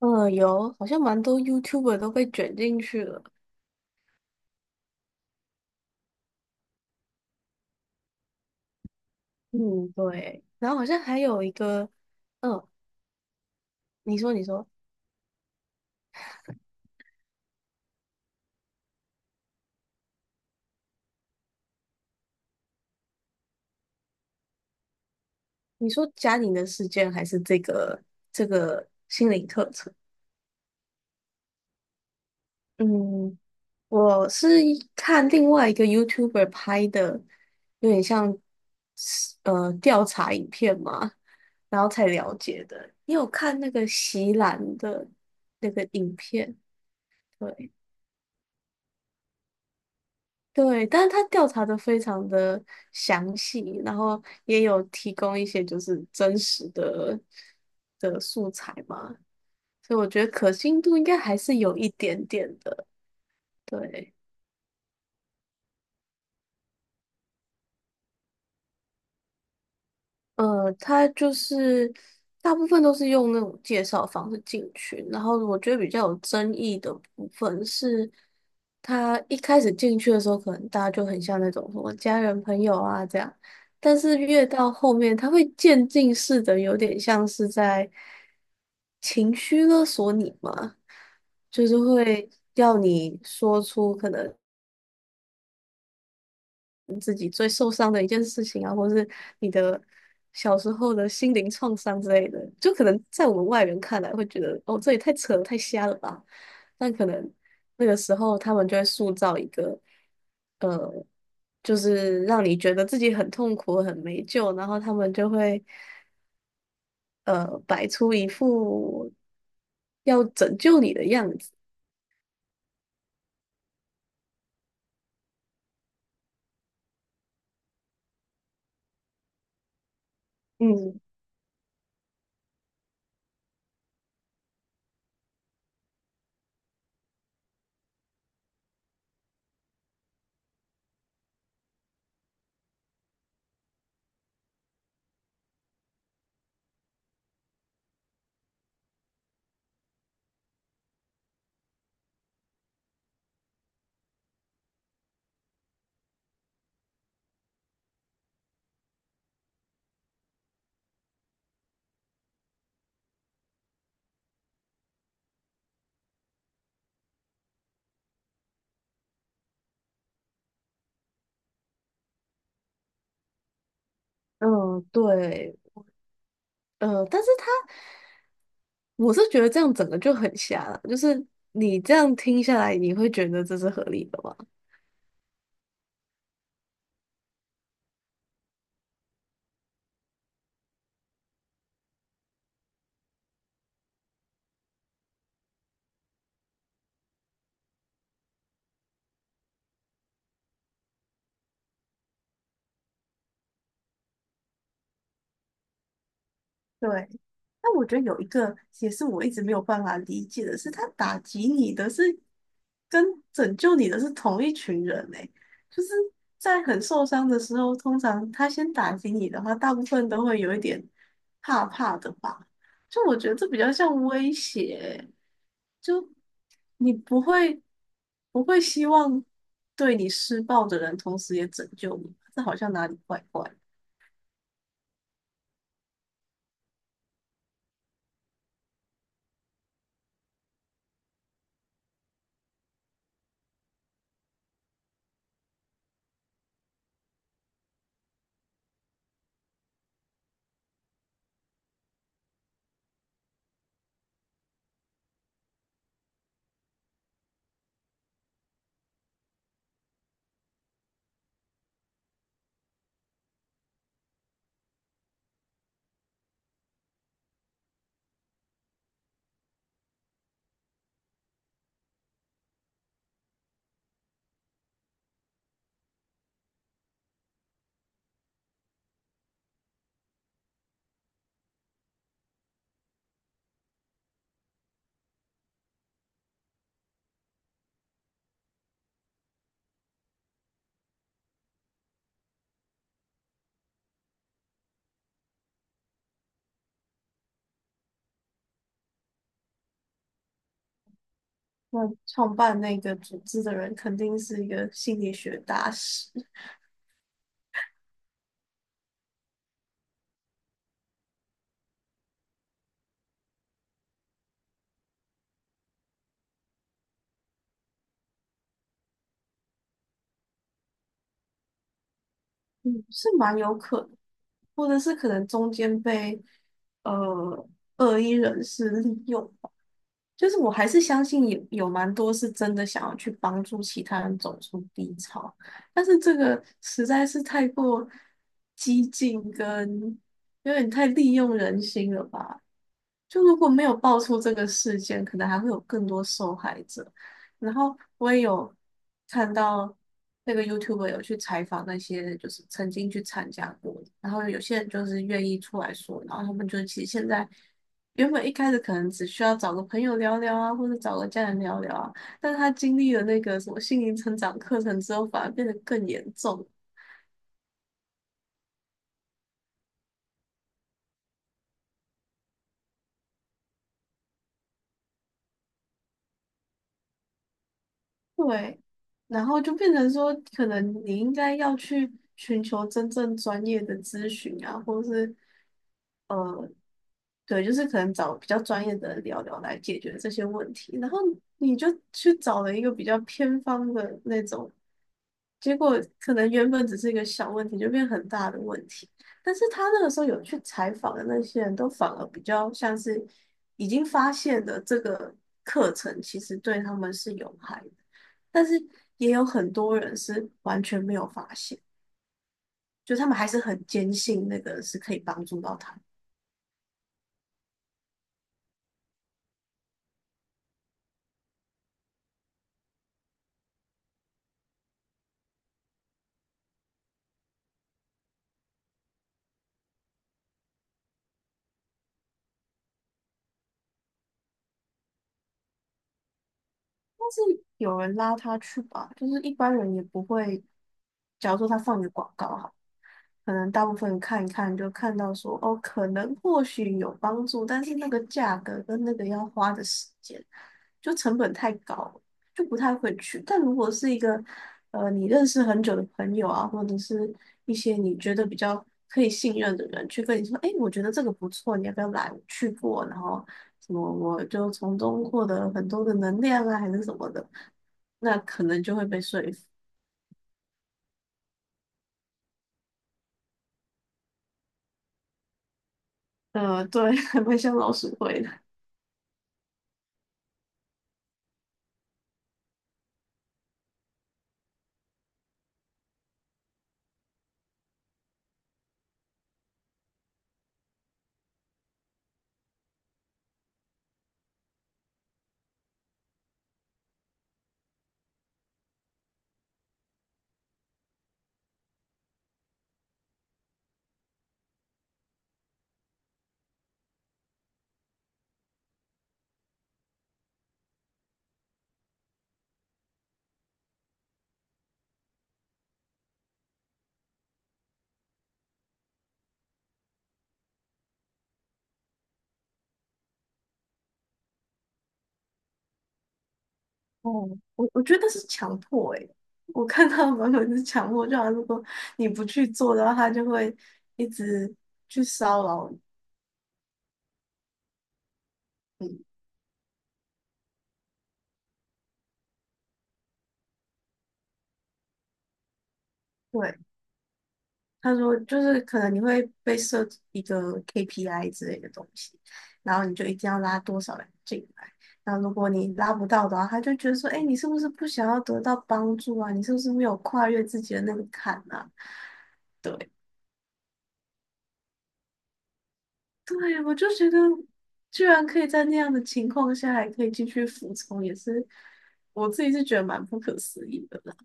嗯，有，好像蛮多 YouTuber 都被卷进去了。嗯，对，然后好像还有一个。嗯，你说，你说家庭的事件还是这个心理课程？嗯，我是一看另外一个 YouTuber 拍的，有点像调查影片嘛，然后才了解的。你有看那个席兰的那个影片？对对但是他调查的非常的详细，然后也有提供一些就是真实的素材嘛，所以我觉得可信度应该还是有一点点的。对。他就是大部分都是用那种介绍方式进去，然后我觉得比较有争议的部分是，他一开始进去的时候，可能大家就很像那种什么家人朋友啊这样，但是越到后面，他会渐进式的，有点像是在情绪勒索你嘛，就是会要你说出可能。自己最受伤的一件事情啊，或是你的小时候的心灵创伤之类的，就可能在我们外人看来会觉得，哦，这也太扯了，太瞎了吧？但可能那个时候他们就会塑造一个，呃，就是让你觉得自己很痛苦、很没救，然后他们就会，摆出一副要拯救你的样子。嗯嗯，对，但是他。我是觉得这样整个就很瞎了，就是你这样听下来，你会觉得这是合理的吗？对，那我觉得有一个也是我一直没有办法理解的是，他打击你的是跟拯救你的是同一群人诶、就是在很受伤的时候，通常他先打击你的话，大部分都会有一点怕怕的吧？就我觉得这比较像威胁欸就你不会希望对你施暴的人同时也拯救你，这好像哪里怪怪的。那创办那个组织的人肯定是一个心理学大师。嗯，是蛮有可能，或者是可能中间被呃恶意人士利用吧。就是我还是相信有蛮多是真的想要去帮助其他人走出低潮，但是这个实在是太过激进跟有点太利用人心了吧。就如果没有爆出这个事件，可能还会有更多受害者。然后我也有看到那个 YouTuber 有去采访那些就是曾经去参加过的，然后有些人就是愿意出来说，然后他们就其实现在原本一开始可能只需要找个朋友聊聊啊，或者找个家人聊聊啊，但是他经历了那个什么心灵成长课程之后，反而变得更严重。对，然后就变成说，可能你应该要去寻求真正专业的咨询啊，或是对，就是可能找比较专业的人聊聊来解决这些问题，然后你就去找了一个比较偏方的那种，结果可能原本只是一个小问题，就变很大的问题。但是他那个时候有去采访的那些人都反而比较像是已经发现的这个课程其实对他们是有害的，但是也有很多人是完全没有发现，就他们还是很坚信那个是可以帮助到他们。是有人拉他去吧，就是一般人也不会。假如说他放一个广告哈，可能大部分人看一看就看到说哦，可能或许有帮助，但是那个价格跟那个要花的时间，就成本太高，就不太会去。但如果是一个你认识很久的朋友啊，或者是一些你觉得比较可以信任的人去跟你说，哎，我觉得这个不错，你要不要来？我去过，然后什么我就从中获得很多的能量啊，还是什么的，那可能就会被说服。对，还蛮像老鼠会的。哦，我觉得是强迫诶、我看他蛮多人是强迫，就好像如果你不去做的话，他就会一直去骚扰你。对，他说，就是可能你会被设置一个 KPI 之类的东西，然后你就一定要拉多少人进来。然后如果你拉不到的话，他就觉得说，哎，你是不是不想要得到帮助啊？你是不是没有跨越自己的那个坎啊？对，对，我就觉得，居然可以在那样的情况下还可以继续服从，也是我自己是觉得蛮不可思议的啦。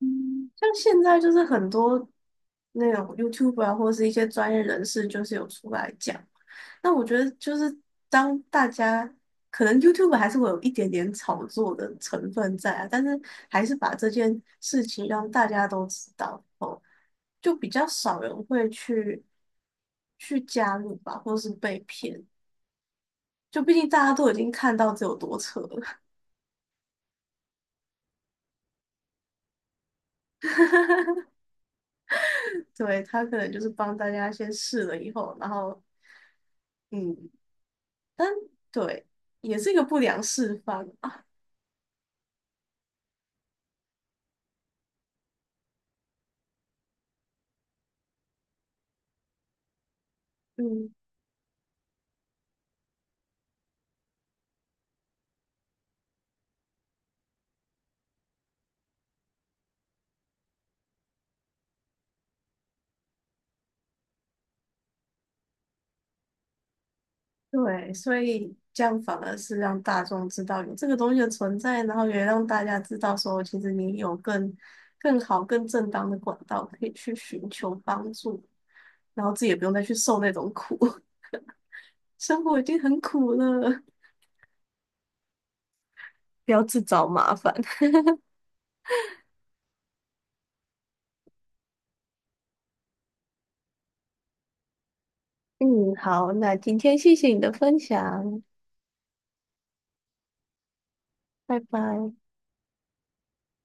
嗯，像现在就是很多。那种 YouTube 啊，或者是一些专业人士，就是有出来讲。那我觉得就是当大家可能 YouTube 还是会有一点点炒作的成分在啊，但是还是把这件事情让大家都知道哦，就比较少人会去加入吧，或是被骗。就毕竟大家都已经看到这有多扯了，对，他可能就是帮大家先试了以后，然后嗯，但对，也是一个不良示范。嗯，对，所以这样反而是让大众知道有这个东西的存在，然后也让大家知道说，其实你有更好更正当的管道可以去寻求帮助，然后自己也不用再去受那种苦，生活已经很苦了，不要自找麻烦。嗯，好，那今天谢谢你的分享，拜拜。